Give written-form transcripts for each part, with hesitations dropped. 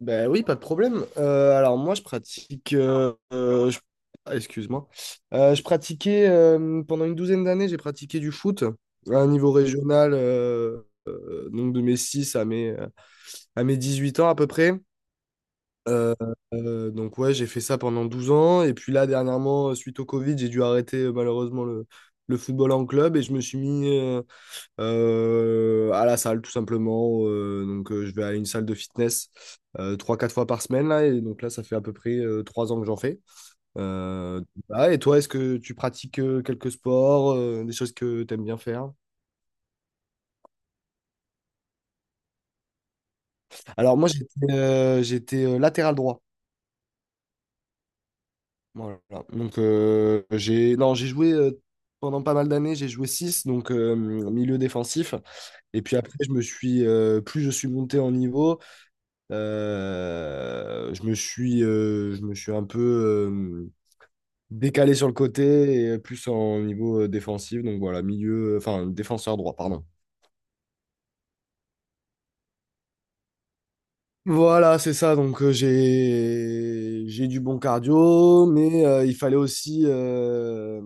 Ben oui, pas de problème. Alors moi, je pratique. Je- ah, Excuse-moi. Je pratiquais pendant une douzaine d'années, j'ai pratiqué du foot à un niveau régional, donc de mes 6 à mes 18 ans à peu près. Euh, donc ouais, j'ai fait ça pendant 12 ans. Et puis là, dernièrement, suite au Covid, j'ai dû arrêter malheureusement le football en club et je me suis mis à la salle tout simplement. Donc je vais à une salle de fitness trois, quatre fois par semaine là, et donc là ça fait à peu près trois ans que j'en fais. Euh, et toi, est-ce que tu pratiques quelques sports, des choses que tu aimes bien faire? Alors moi j'étais latéral droit. Voilà. Donc j'ai non j'ai joué pendant pas mal d'années, j'ai joué six, donc milieu défensif. Et puis après, je me suis plus je suis monté en niveau. Je me suis un peu décalé sur le côté et plus en niveau défensif. Donc voilà, milieu, enfin défenseur droit, pardon. Voilà, c'est ça. Donc j'ai du bon cardio, mais il fallait aussi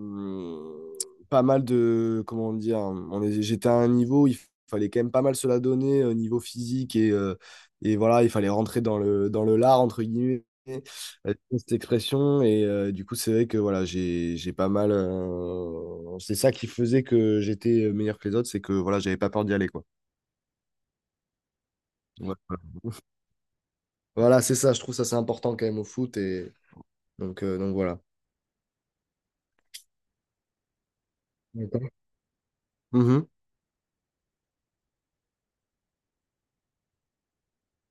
pas mal de, comment dire. J'étais à un niveau où il fallait quand même pas mal se la donner au niveau physique et voilà, il fallait rentrer dans le lard, entre guillemets, cette expression. Et du coup, c'est vrai que voilà, j'ai pas mal, c'est ça qui faisait que j'étais meilleur que les autres, c'est que voilà, j'avais pas peur d'y aller, quoi. Ouais, voilà. Voilà, c'est ça. Je trouve ça, c'est important quand même au foot. Et donc, donc voilà. D'accord. Mhm.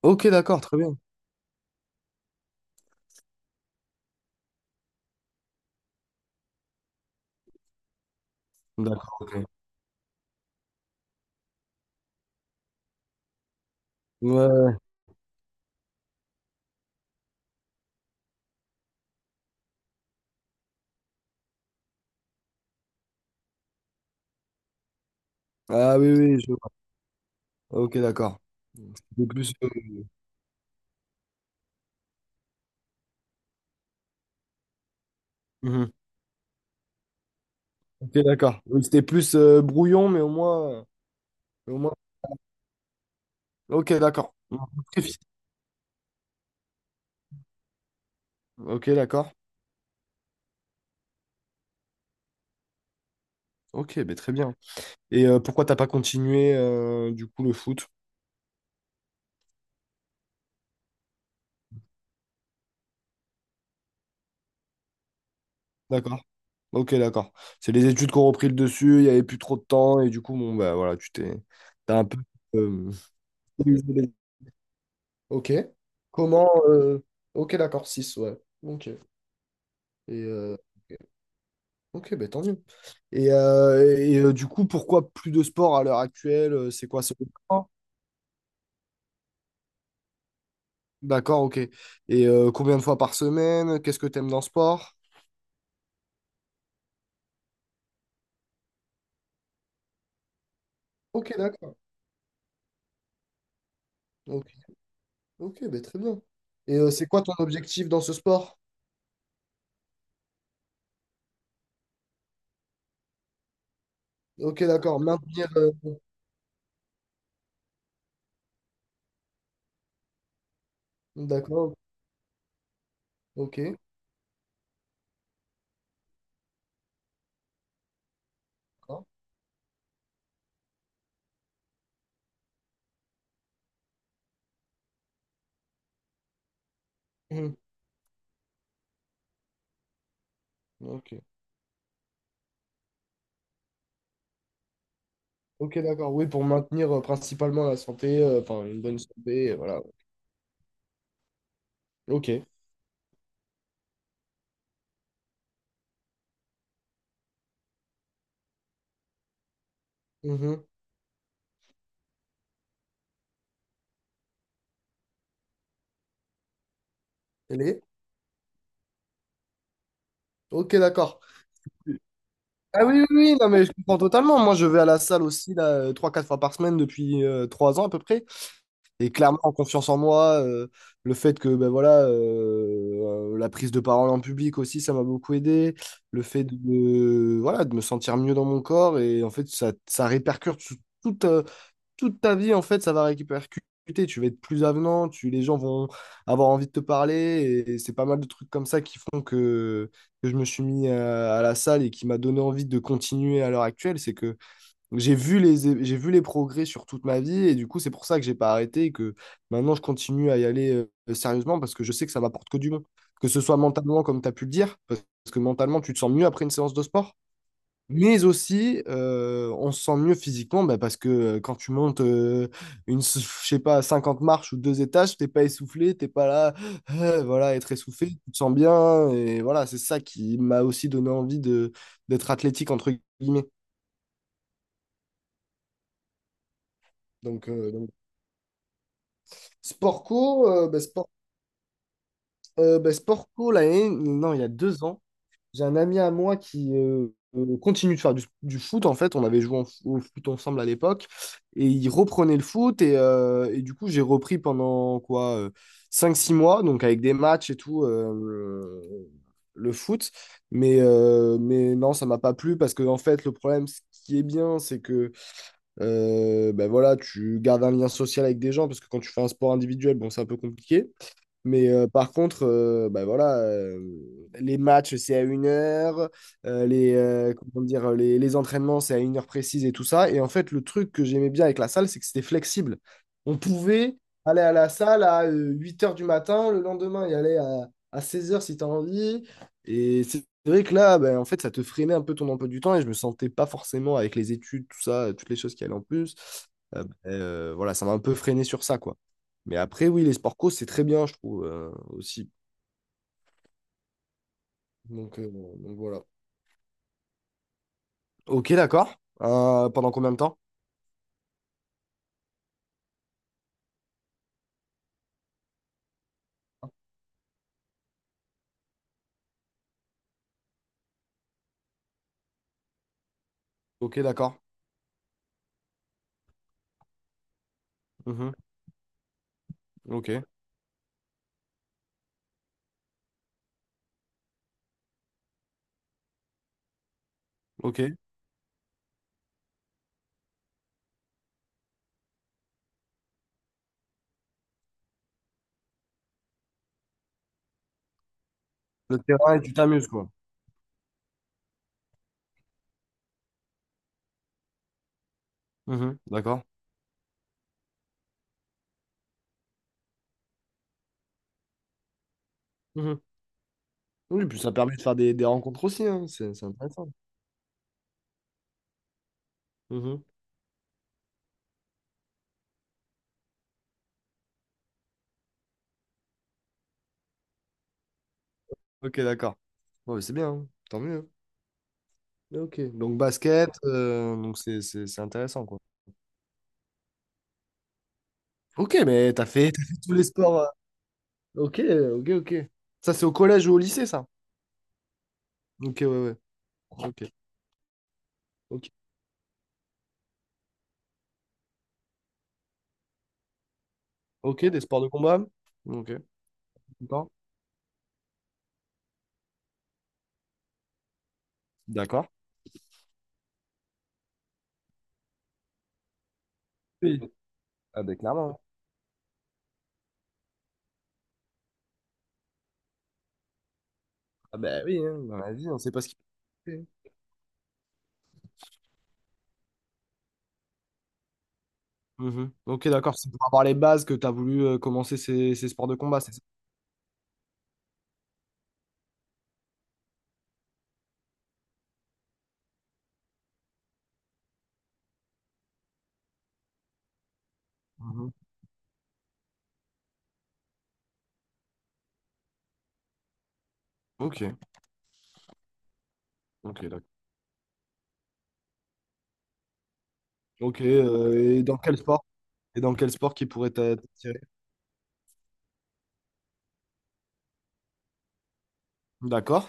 Ok, d'accord, très bien. D'accord, ok. Ouais. Ah oui, oui, je vois. Ok, d'accord. C'était plus, mhm. Ok, d'accord. Oui, c'était plus brouillon, mais au moins. Mais au moins... Ok, d'accord. Précis. Ok, d'accord. Ok, ben très bien. Et pourquoi t'as pas continué du coup le foot? D'accord. Ok, d'accord. C'est les études qui ont repris le dessus, il n'y avait plus trop de temps, et du coup, bon, bah voilà, tu t'es. T'as un peu. euh, Ok. Comment Ok, d'accord, 6 ouais. Ok. Et euh, ok, ben tant mieux. Et du coup, pourquoi plus de sport à l'heure actuelle? C'est quoi ce sport? D'accord, ok. Et combien de fois par semaine? Qu'est-ce que tu aimes dans le sport? Ok, d'accord. Ok, ok, ben très bien. Et c'est quoi ton objectif dans ce sport? Ok, d'accord. Maintenir, d'accord. Ok, d'accord. Mhm. Ok. Ok, d'accord. Oui, pour maintenir principalement la santé, enfin une bonne santé, voilà. Ok. Mhm. Elle est? Ok, d'accord. Ah oui, oui, oui, non, mais je comprends totalement. Moi, je vais à la salle aussi, là, trois, quatre fois par semaine depuis trois ans à peu près. Et clairement, en confiance en moi, le fait que, ben voilà, la prise de parole en public aussi, ça m'a beaucoup aidé. Le fait de- Voilà, de me sentir mieux dans mon corps. Et en fait, ça répercute sur tout, toute ta vie. En fait, ça va répercuter. Tu vas être plus avenant, tu, les gens vont avoir envie de te parler. Et c'est pas mal de trucs comme ça qui font que je me suis mis à la salle, et qui m'a donné envie de continuer à l'heure actuelle. C'est que j'ai vu les progrès sur toute ma vie. Et du coup, c'est pour ça que j'ai pas arrêté et que maintenant, je continue à y aller sérieusement, parce que je sais que ça m'apporte que du bon. Que ce soit mentalement, comme tu as pu le dire, parce que mentalement, tu te sens mieux après une séance de sport. Mais aussi, on se sent mieux physiquement, bah, parce que quand tu montes je sais pas, 50 marches ou deux étages, t'es pas essoufflé, t'es pas là, voilà, être essoufflé, tu te sens bien. Et voilà, c'est ça qui m'a aussi donné envie de d'être athlétique, entre guillemets. Donc, sport co, sport co, l'année, non, il y a deux ans. J'ai un ami à moi qui continue de faire du foot. En fait, on avait joué au foot ensemble à l'époque. Et il reprenait le foot. Et du coup, j'ai repris pendant quoi, 5-6 mois, donc avec des matchs et tout, le foot. Mais non, ça m'a pas plu, parce que, en fait, le problème, ce qui est bien, c'est que ben voilà, tu gardes un lien social avec des gens, parce que quand tu fais un sport individuel, bon, c'est un peu compliqué. Mais par contre, bah voilà, les matchs, c'est à une heure, comment dire, les entraînements, c'est à une heure précise et tout ça. Et en fait, le truc que j'aimais bien avec la salle, c'est que c'était flexible. On pouvait aller à la salle à 8 heures du matin, le lendemain, y aller à 16 heures si tu as envie. Et c'est vrai que là, bah, en fait, ça te freinait un peu ton emploi du temps et je me sentais pas forcément, avec les études, tout ça, toutes les choses qui allaient en plus. Voilà, ça m'a un peu freiné sur ça, quoi. Mais après, oui, les sports co, c'est très bien, je trouve, aussi. Donc, bon, donc voilà. Ok, d'accord. Pendant combien de temps? Ok, d'accord. Mhm. Ok, ok. Le terrain et tu t'amuses, quoi. Mhm. D'accord. Mhm. Oui, puis ça permet de faire des rencontres aussi, hein. C'est intéressant. Mhm. Ok, d'accord. Ouais, mais c'est bien, hein. Tant mieux. Ok, donc basket, donc c'est intéressant, quoi. Ok, mais t'as fait tous les sports, Ok, ok, ok. Ça, c'est au collège ou au lycée, ça? Ok, ouais, ouais. Ok, ok. Ok, des sports de combat? Ok, d'accord? D'accord. Oui. Ah ben clairement. Ah ben oui, hein, dans la vie, on sait pas ce qu'il fait. Mhm. Ok, d'accord. C'est pour avoir les bases que tu as voulu commencer ces, ces sports de combat, c'est ça? Mhm. Ok, ok, d'accord. Ok, et dans quel sport? Et dans quel sport qui pourrait t'attirer? D'accord.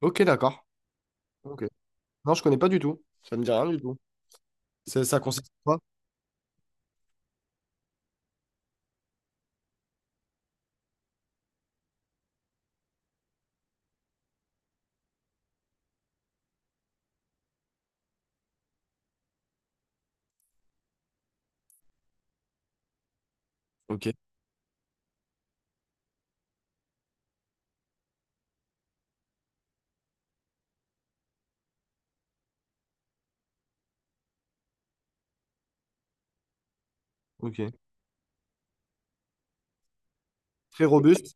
Ok, d'accord. Ok. Non, je connais pas du tout. Ça me dit rien du tout. Ça consiste en quoi? Ok, ok. Très robuste,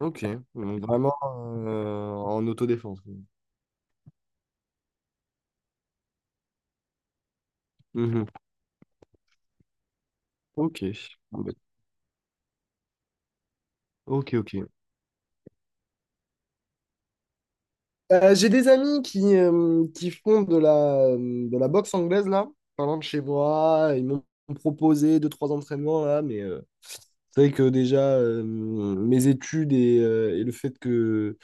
ok. Donc, vraiment en autodéfense. Mhm. Ok. Bon, ben, ok, ok. J'ai des amis qui font de la boxe anglaise, là, par exemple chez moi. Ils m'ont proposé deux, trois entraînements, là, mais c'est vrai que déjà, mes études, et et le fait que,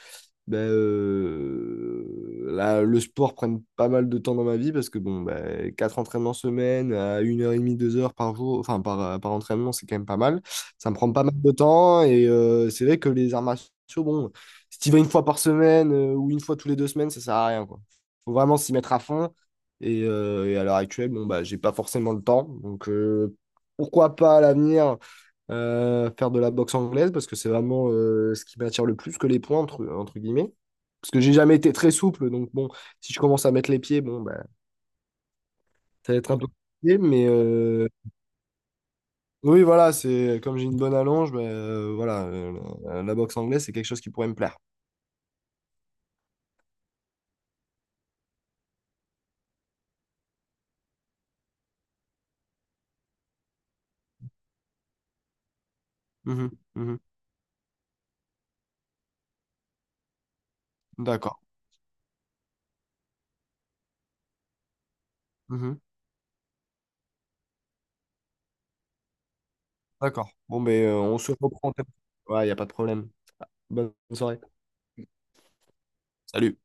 ben, le sport prenne pas mal de temps dans ma vie, parce que bon, ben, quatre entraînements semaine à une heure et demie, deux heures par jour, enfin par entraînement, c'est quand même pas mal. Ça me prend pas mal de temps, et c'est vrai que les arts martiaux, bon, si tu vas une fois par semaine ou une fois tous les deux semaines, ça sert à rien, quoi. Faut vraiment s'y mettre à fond et à l'heure actuelle, bon, bah, j'ai pas forcément le temps. Donc pourquoi pas à l'avenir faire de la boxe anglaise, parce que c'est vraiment ce qui m'attire le plus que les points, entre guillemets. Parce que j'ai jamais été très souple, donc bon, si je commence à mettre les pieds, bon, bah, ça va être un peu compliqué, mais oui, voilà, c'est comme j'ai une bonne allonge, bah, voilà, la boxe anglaise, c'est quelque chose qui pourrait me plaire. Mhm, mhm. D'accord. Mhm. D'accord. Bon, ben, on se reprend. Ouais, il n'y a pas de problème. Bonne soirée. Salut.